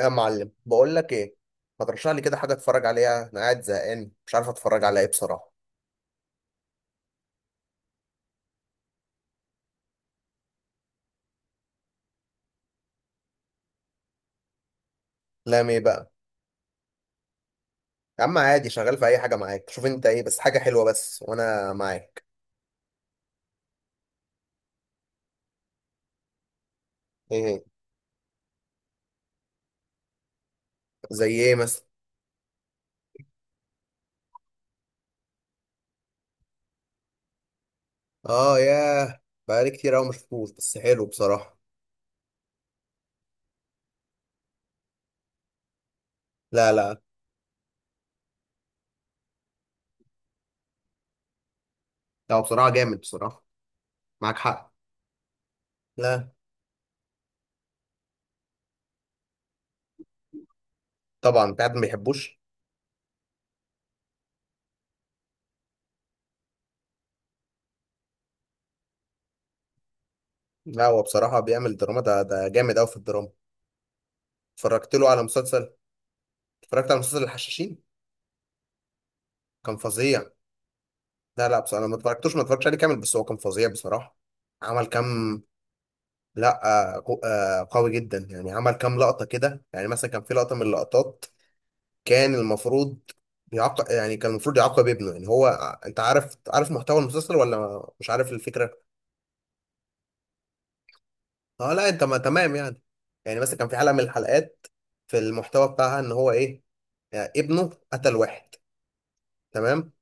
يا معلم بقول لك ايه. ما ترشح لي كده حاجه اتفرج عليها، انا قاعد زهقان مش عارف اتفرج على ايه بصراحه. لا ايه بقى. يا عم عادي، شغال في اي حاجه معاك، شوف انت ايه بس حاجه حلوه، بس وانا معاك. ايه هي؟ زي ايه مثلا. اه ياه، بقالي كتير قوي ما شفتوش بس حلو بصراحه. لا لا لا، هو بصراحه جامد بصراحه، معاك حق. لا طبعا، انت قاعد ما بيحبوش. لا هو بصراحه بيعمل دراما، ده جامد قوي في الدراما. اتفرجت له على مسلسل. اتفرجت على مسلسل الحشاشين، كان فظيع. لا لا، بصراحة أنا ما اتفرجتوش، ما اتفرجتش عليه كامل بس هو كان فظيع بصراحة. عمل كام. لا قوي جدا يعني، عمل كام لقطة كده، يعني مثلا كان في لقطة من اللقطات كان المفروض، يعاقب يعني كان المفروض يعاقب ابنه، يعني هو انت عارف، عارف محتوى المسلسل ولا مش عارف الفكرة؟ اه لا انت ما تمام يعني. يعني مثلا كان في حلقة من الحلقات، في المحتوى بتاعها ان هو ايه، يعني ابنه قتل واحد، تمام.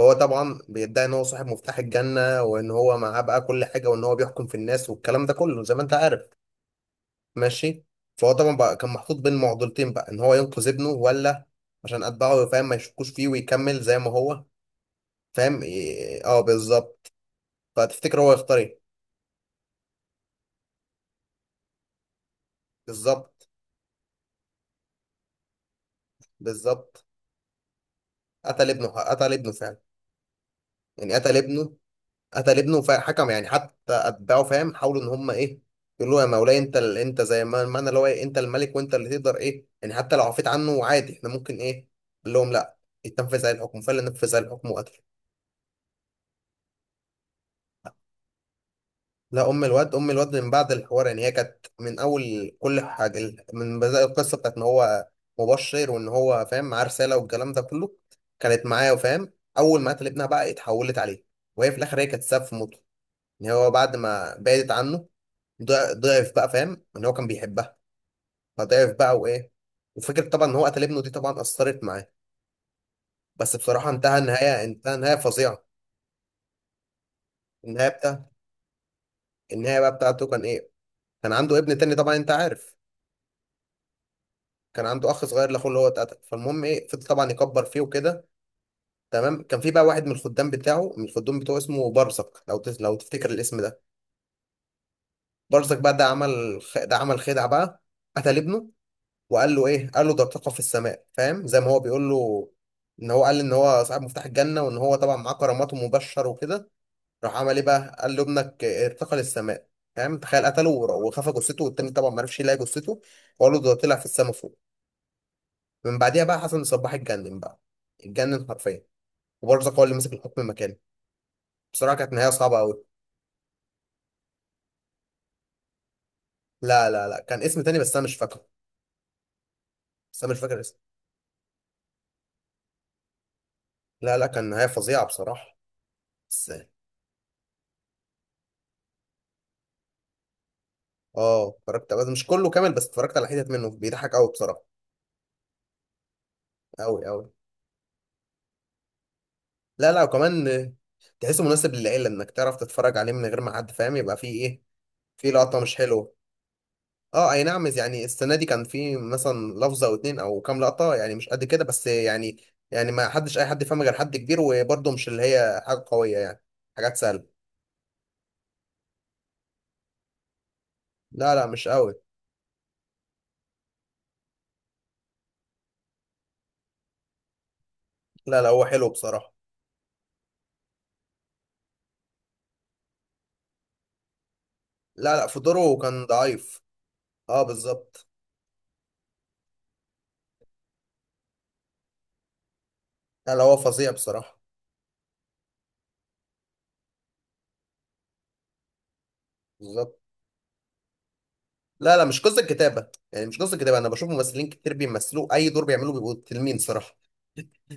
هو طبعا بيدعي ان هو صاحب مفتاح الجنة، وان هو معاه بقى كل حاجة، وان هو بيحكم في الناس والكلام ده كله زي ما انت عارف. ماشي. فهو طبعا بقى كان محطوط بين معضلتين بقى، ان هو ينقذ ابنه ولا عشان اتباعه فاهم ما يشكوش فيه ويكمل زي ما هو، فاهم إيه، اه بالظبط. فتفتكر هو يختار ايه. بالظبط، بالظبط، قتل ابنه، قتل ابنه فعلا. يعني قتل ابنه، قتل ابنه فحكم، يعني حتى اتباعه فاهم حاولوا ان هم ايه، يقولوا له يا مولاي انت ال... انت زي ما المعنى اللي هو إيه؟ انت الملك وانت اللي تقدر ايه، يعني حتى لو عفيت عنه عادي، احنا ممكن ايه. قال لهم لا، يتنفذ عليه الحكم. فعلا نفذ عليه الحكم وقتله. لا ام الواد، ام الواد من بعد الحوار، يعني هي كانت من اول كل حاجه من بدايه القصه بتاعت ان هو مبشر وان هو فاهم معاه رساله والكلام ده كله، كانت معاه وفاهم. اول ما قتل ابنها بقى اتحولت عليه، وهي في الاخر هي كانت سبب في موته. ان هو بعد ما بعدت عنه ضعف بقى، فاهم ان هو كان بيحبها، فضعف بقى وايه، وفكره طبعا ان هو قتل ابنه دي طبعا اثرت معاه. بس بصراحه انتهى النهايه، انتهى نهايه فظيعه. النهايه بتاع، النهايه بقى بتاعته كان ايه، كان عنده ابن تاني طبعا انت عارف، كان عنده اخ صغير لاخوه اللي هو اتقتل، فالمهم ايه، فضل طبعا يكبر فيه وكده، تمام. كان في بقى واحد من الخدام بتاعه، من الخدام بتوعه اسمه برزق، لو تس... لو تفتكر الاسم ده. برزق بقى ده عمل خ... ده عمل خدعه بقى، قتل ابنه وقال له ايه، قال له ده طاقه في السماء، فاهم زي ما هو بيقول له ان هو قال ان هو صاحب مفتاح الجنه وان هو طبعا معاه كرامات ومبشر وكده، راح عمل ايه بقى، قال له ابنك ارتقى للسماء. فاهم تخيل قتله وخفى جثته، والتاني طبعا ما عرفش يلاقي جثته، وقال له ده طلع في السماء فوق. من بعديها بقى حسن الصباح اتجنن بقى، اتجنن حرفيا. وبرزق هو اللي مسك الحكم مكانه. بصراحه كانت نهايه صعبه قوي. لا لا لا، كان اسم تاني بس انا مش فاكره. بس انا مش فاكر اسمه. لا لا، كان نهايه فظيعه بصراحه. بس اه اتفرجت، بس مش كله كامل، بس اتفرجت على حتت منه، بيضحك قوي بصراحه، قوي قوي. لا لا، وكمان تحسه مناسب للعيله، انك تعرف تتفرج عليه من غير ما حد فاهم يبقى فيه ايه، فيه لقطه مش حلوه. اه اي نعم، يعني السنه دي كان فيه مثلا لفظه او اتنين او كام لقطه، يعني مش قد كده بس يعني، يعني ما حدش اي حد فاهم غير حد كبير، وبرضه مش اللي هي حاجه قويه يعني، حاجات سهله. لا لا مش قوي. لا لا، هو حلو بصراحه. لا لا، في دوره كان ضعيف. اه بالظبط. لا لا، هو فظيع بصراحه. بالظبط. لا لا، مش قصة كتابة، يعني مش قصة كتابة. أنا بشوف ممثلين كتير بيمثلوا أي دور بيعملوه بيبقوا تلمين صراحة.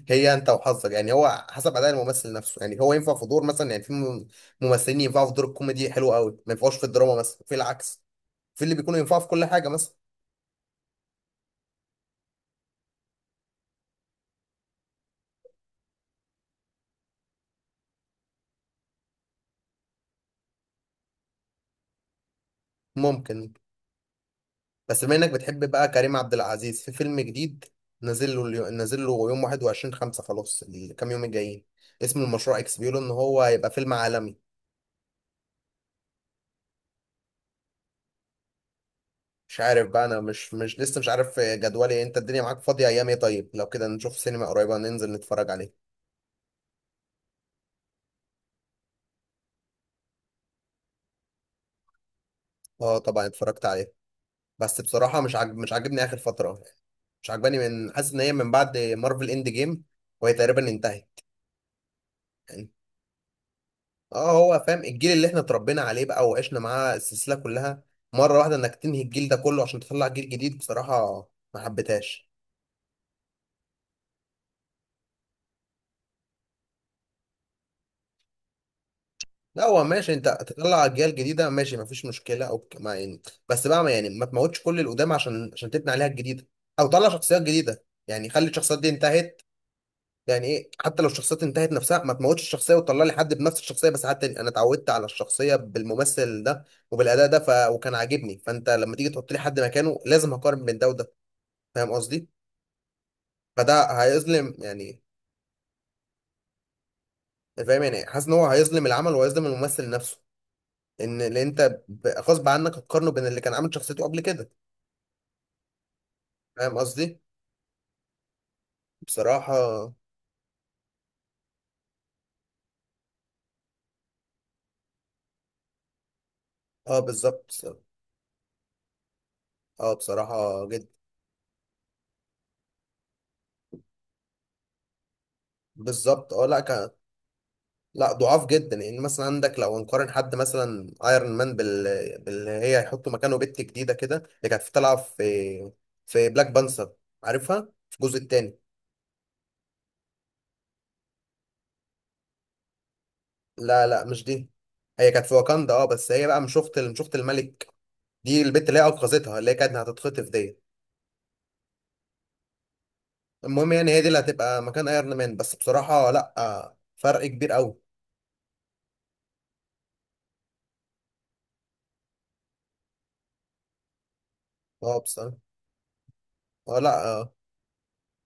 هي أنت وحظك، يعني هو حسب أداء الممثل نفسه. يعني هو ينفع في دور مثلا، يعني في ممثلين ينفعوا في دور الكوميدي حلو قوي، ما ينفعوش في الدراما مثلا، في العكس، في اللي بيكونوا ينفعوا في كل حاجة مثلا. ممكن. بس بما إنك بتحب بقى كريم عبد العزيز، في فيلم جديد نازل له نازل له يوم 21 5، خلاص الكام يوم الجايين. اسم المشروع إكس، بيقولوا إن هو هيبقى فيلم عالمي. مش عارف بقى، انا مش لسه مش عارف جدولي إيه. انت الدنيا معاك فاضية ايام ايه؟ طيب لو كده نشوف سينما قريبة ننزل نتفرج عليه. اه طبعا اتفرجت عليه، بس بصراحة مش عاجبني اخر فترة، مش عجباني من، حاسس ان هي من بعد مارفل اند جيم وهي تقريبا انتهت. يعني، اه هو فاهم، الجيل اللي احنا اتربينا عليه بقى وعشنا معاه السلسلة كلها، مرة واحدة انك تنهي الجيل ده كله عشان تطلع جيل جديد، بصراحة ما حبيتهاش. لا هو ماشي، انت تطلع اجيال جديده ماشي مفيش مشكله، او ما يعني، بس بقى ما يعني ما تموتش كل القدام عشان تبني عليها الجديده، او طلع شخصيات جديده، يعني خلي الشخصيات دي انتهت. يعني ايه حتى لو الشخصيات انتهت نفسها، ما تموتش الشخصيه وتطلع لي حد بنفس الشخصيه، بس حتى انا اتعودت على الشخصيه بالممثل ده وبالاداء ده، ف... وكان عاجبني. فانت لما تيجي تحط لي حد مكانه، لازم هقارن بين ده وده، فاهم قصدي. فده هيظلم يعني، فاهم، يعني حاسس ان هو هيظلم العمل وهيظلم الممثل نفسه، ان اللي انت غصب عنك هتقارنه بين اللي كان عامل شخصيته قبل كده، فاهم قصدي، بصراحه. اه بالظبط. اه بصراحه جدا. بالظبط. اه لا كان. لا ضعاف جدا، يعني مثلا عندك لو هنقارن حد مثلا ايرون مان بال... باللي هي هيحطوا مكانه بنت جديده كده، اللي كانت طالعه في، في بلاك بانثر، عارفها في الجزء الثاني. لا لا مش دي، هي كانت في واكاندا اه، بس هي بقى مش اخت الملك، دي البت اللي هي انقذتها، اللي هي كانت هتتخطف ديت. المهم يعني هي دي اللي هتبقى مكان ايرون مان، بس بصراحة لا فرق كبير قوي. اه بس اه، آه، لا آه.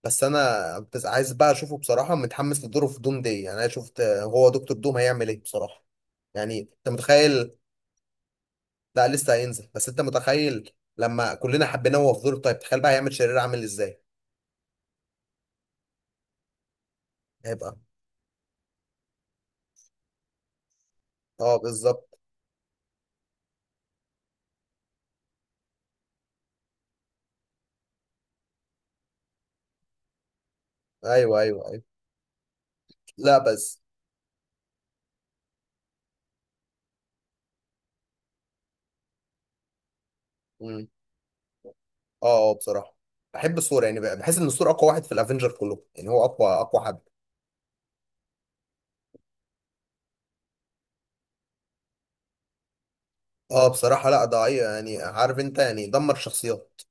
بس انا بس عايز بقى اشوفه، بصراحة متحمس لدوره في دوم دي. يعني انا شفت هو دكتور دوم هيعمل ايه بصراحة، يعني انت متخيل. لا لسه هينزل، بس انت متخيل لما كلنا حبيناه وهو في دور طيب، تخيل بقى هيعمل شرير عامل ازاي. هيبقى، اه بالظبط. ايوه ايوه ايوه. لا بس. مم. اه اه بصراحة بحب الثور، يعني بحس ان الثور اقوى واحد في الافنجر كله، يعني هو اقوى حد. اه بصراحة لا ضعيف، يعني عارف انت يعني دمر شخصيات.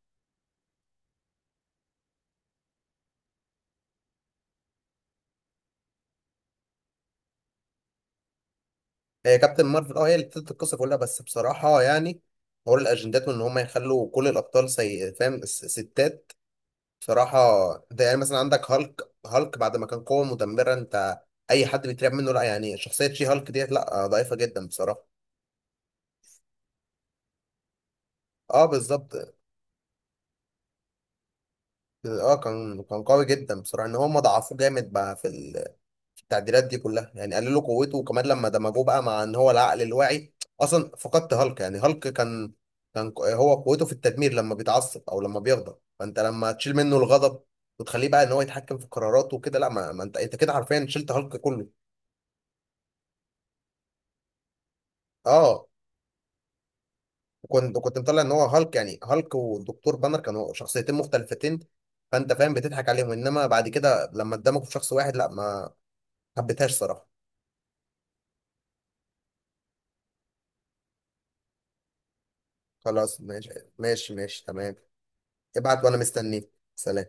هي كابتن مارفل اه، هي اللي ابتدت القصة كلها، بس بصراحة يعني حوار الأجندات وإن هما يخلوا كل الأبطال سي، فاهم، ستات، بصراحة. ده يعني مثلا عندك هالك بعد ما كان قوة مدمرة أنت، أي حد بيترعب منه، لا يعني شخصية شي هالك ديت لا، ضعيفة جدا بصراحة. اه بالظبط. اه كان، كان قوي جدا بصراحة، إن هما ضعفوه جامد بقى في التعديلات دي كلها، يعني قللوا قوته، وكمان لما دمجوه بقى مع ان هو العقل الواعي، اصلا فقدت هالك. يعني هالك كان، هو قوته في التدمير لما بيتعصب او لما بيغضب، فانت لما تشيل منه الغضب وتخليه بقى ان هو يتحكم في قراراته وكده، لا ما انت، انت كده حرفيا شلت هالك كله. اه كنت، كنت مطلع ان هو هالك، يعني هالك والدكتور بانر كانوا شخصيتين مختلفتين، فانت فاهم بتضحك عليهم، انما بعد كده لما اتدمجوا في شخص واحد، لا ما حبيتهاش صراحة. خلاص ماشي. ماشي ماشي تمام. ابعت وانا مستنيك. سلام.